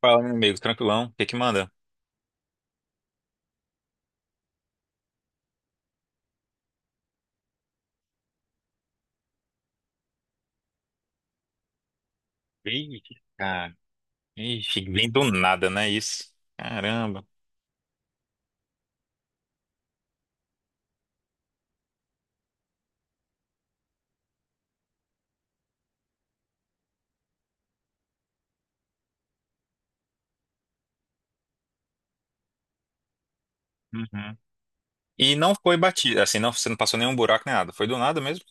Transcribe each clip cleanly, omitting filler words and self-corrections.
Fala, meu amigo, tranquilão. O que que manda? Ih, cara. Ixi, vem do nada, né? Isso. Caramba. Uhum. E não foi batido, assim, não, você não passou nenhum buraco nem nada. Foi do nada mesmo?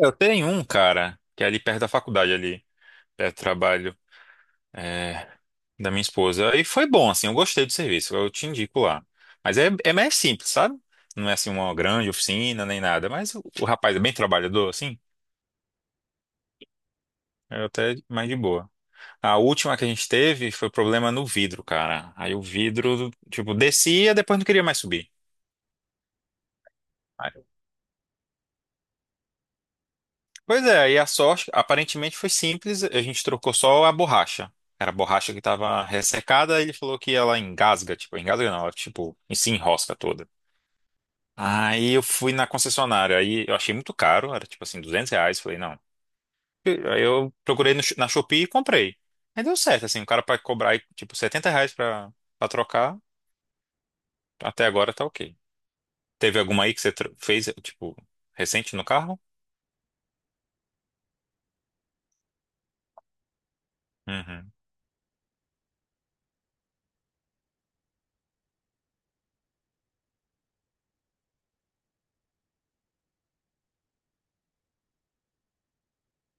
É, eu tenho um, cara, que é ali perto da faculdade, ali, perto do trabalho, é, da minha esposa. E foi bom, assim, eu gostei do serviço, eu te indico lá. Mas é, é mais simples, sabe? Não é assim uma grande oficina nem nada, mas o rapaz é bem trabalhador, assim, é até mais de boa. A última que a gente teve foi problema no vidro, cara. Aí o vidro, tipo, descia, depois não queria mais subir. Aí- Pois é, e a sorte, aparentemente foi simples, a gente trocou só a borracha. Era a borracha que estava ressecada, ele falou que ela engasga, tipo, engasga não, ela, tipo, se enrosca toda. Aí eu fui na concessionária, aí eu achei muito caro, era tipo assim, 200 reais, falei, não. Aí eu procurei na Shopee e comprei. Aí deu certo, assim, o cara para cobrar, tipo, 70 reais pra, pra trocar, até agora tá ok. Teve alguma aí que você fez, tipo, recente no carro? Uhum.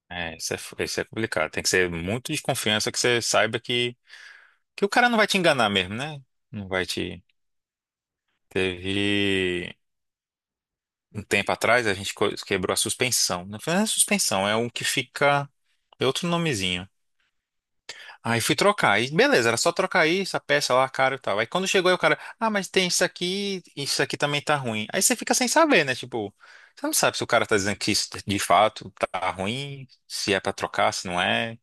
É, isso é, isso é complicado. Tem que ser muito de confiança que você saiba que o cara não vai te enganar mesmo, né? Não vai te. Teve um tempo atrás, a gente quebrou a suspensão. Não foi nem a suspensão, é um que fica. É outro nomezinho. Aí fui trocar. Aí, beleza, era só trocar aí essa peça lá, cara e tal. Aí quando chegou aí o cara, ah, mas tem isso aqui também tá ruim. Aí você fica sem saber, né? Tipo, você não sabe se o cara tá dizendo que isso de fato tá ruim, se é pra trocar, se não é.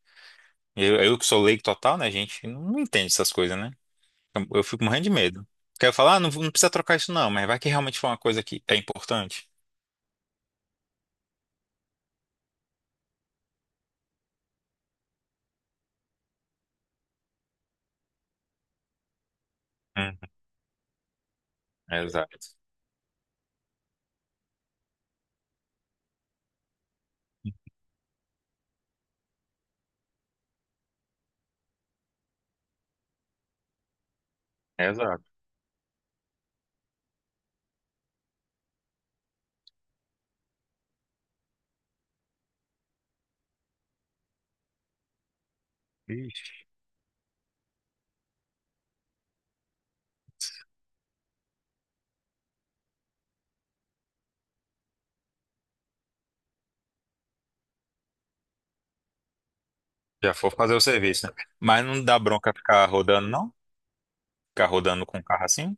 Eu que sou leigo total, né, gente? Não entende essas coisas, né? Eu fico morrendo de medo. Quero falar, ah, não, não precisa trocar isso não, mas vai que realmente foi uma coisa que é importante. Uhum, exato. Exato. Ixi, já for fazer o serviço, né? Mas não dá bronca ficar rodando, não? Ficar rodando com o carro assim?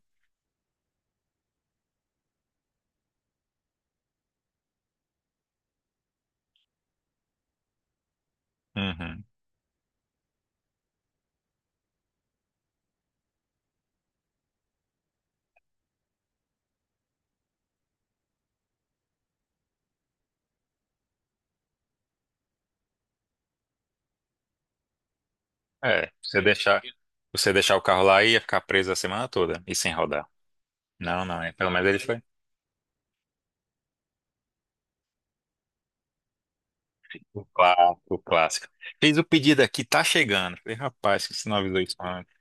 Uhum. É, você deixar o carro lá ia ficar preso a semana toda e sem rodar. Não, não, é. Pelo menos ele foi o clássico, o clássico. Fiz o pedido aqui, tá chegando. Falei, rapaz, que você não avisou isso antes.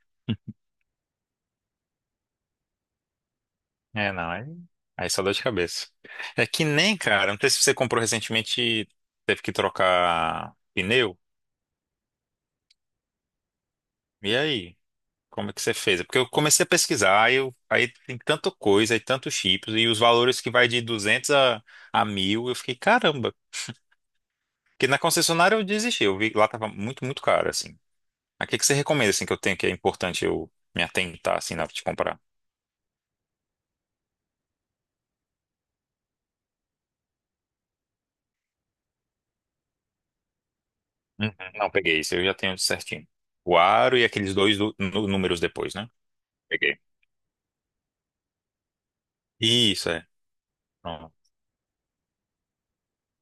É, não, aí, aí só dor de cabeça. É que nem, cara, não sei se você comprou recentemente, teve que trocar pneu. E aí? Como é que você fez? É porque eu comecei a pesquisar, aí, aí tem tanta coisa, aí tantos chips, e os valores que vai de 200 a 1000, eu fiquei, caramba. Porque na concessionária eu desisti, eu vi que lá tava muito, muito caro, assim. Mas o que que você recomenda, assim, que eu tenho que é importante eu me atentar, assim, na hora de comprar? Uhum. Não, peguei isso, eu já tenho certinho. O aro e aqueles dois números depois, né? Peguei. Isso, é. Pronto.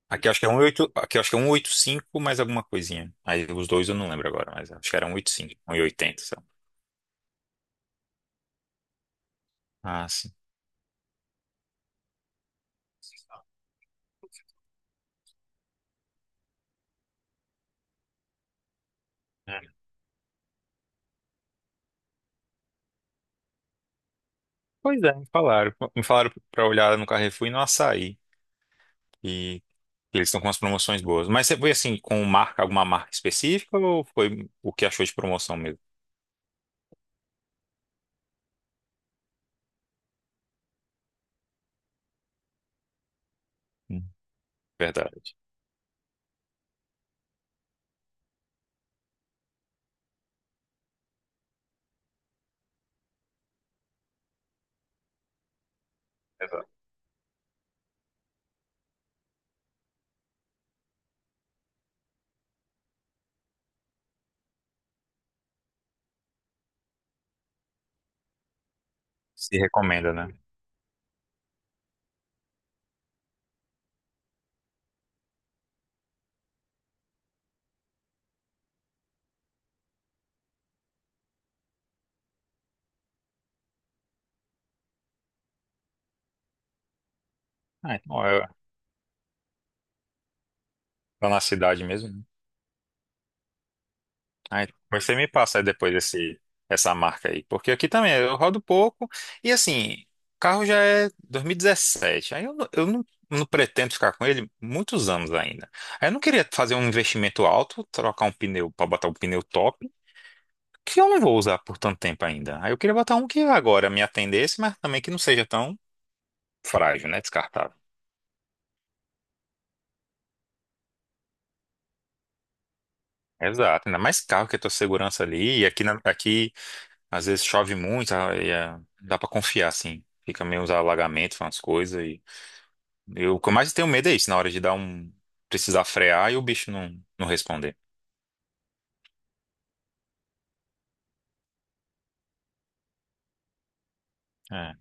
Aqui eu acho que é um oito aqui eu acho que é 185 mais alguma coisinha. Aí os dois eu não lembro agora, mas acho que era um 180, sabe? Ah, sim. É. Pois é, me falaram. Me falaram pra olhar no Carrefour e no Açaí. E eles estão com umas promoções boas. Mas você foi assim, com marca, alguma marca específica ou foi o que achou de promoção mesmo? Hum. Verdade. Exato. Se recomenda, né? Ah, então é lá na cidade mesmo, né? Ah, então você me passa aí depois esse, essa marca aí. Porque aqui também eu rodo pouco. E assim, o carro já é 2017. Aí eu, não- Eu não, não pretendo ficar com ele muitos anos ainda. Aí eu não queria fazer um investimento alto, trocar um pneu para botar um pneu top, que eu não vou usar por tanto tempo ainda. Aí eu queria botar um que agora me atendesse, mas também que não seja tão frágil, né? Descartável. Exato, ainda mais carro que a tua segurança ali. E aqui, aqui às vezes chove muito, ah, e é, dá pra confiar, assim. Fica meio uns alagamentos, umas coisas. E eu, o que eu mais tenho medo é isso, na hora de dar um. Precisar frear e o bicho não, não responder. É.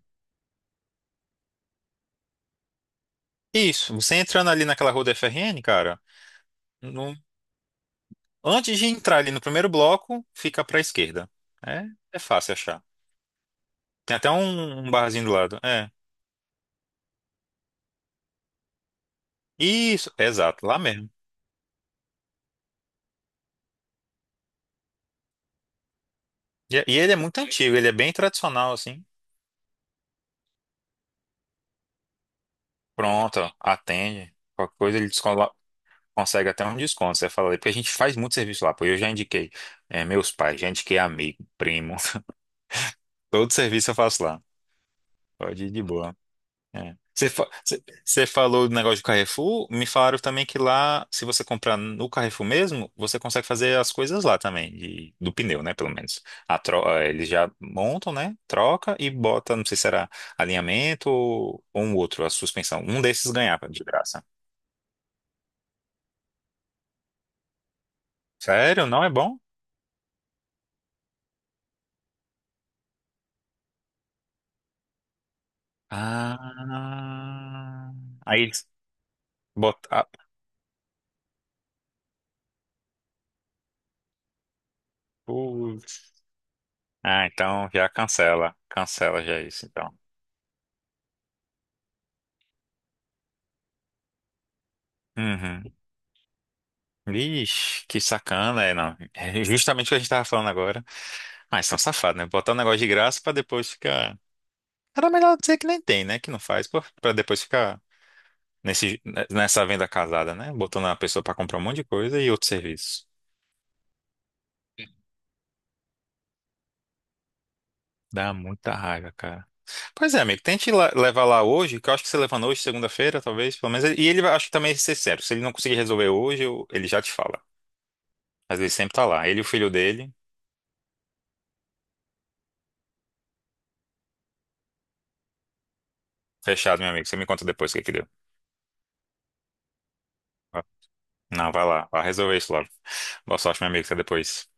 Isso, você entrando ali naquela rua da FRN, cara, no- antes de entrar ali no primeiro bloco, fica pra esquerda. É, é fácil achar. Tem até um barzinho do lado. É. Isso, exato, lá mesmo. E ele é muito antigo, ele é bem tradicional, assim. Pronto, ó, atende. Qualquer coisa ele consegue até um desconto. Você fala ali, porque a gente faz muito serviço lá, pô. Eu já indiquei é, meus pais, já indiquei amigo, primo. Todo serviço eu faço lá. Pode ir de boa. É. Você falou do negócio de Carrefour, me falaram também que lá, se você comprar no Carrefour mesmo, você consegue fazer as coisas lá também, do pneu, né, pelo menos. Eles já montam, né, troca e bota, não sei se era alinhamento ou um outro, a suspensão. Um desses ganhava de graça. Sério? Não é bom? Ah, aí eles botam... Ah, putz. Ah, então já cancela, cancela já isso, então. Uhum. Ixi, que sacana, é, não. É justamente o que a gente tava falando agora. Mas são safados, né? Botar um negócio de graça pra depois ficar. Era melhor dizer que nem tem, né? Que não faz, pô, pra depois ficar nesse, nessa venda casada, né? Botando a pessoa pra comprar um monte de coisa e outro serviço. Dá muita raiva, cara. Pois é, amigo, tente levar lá hoje, que eu acho que você levando hoje, segunda-feira, talvez, pelo menos. E ele acho que também ser sério. Se ele não conseguir resolver hoje, ele já te fala. Mas ele sempre tá lá. Ele e o filho dele. Fechado, meu amigo. Você me conta depois o que que deu. Não, vai lá. Vai resolver isso logo. Boa sorte, meu amigo. Até depois.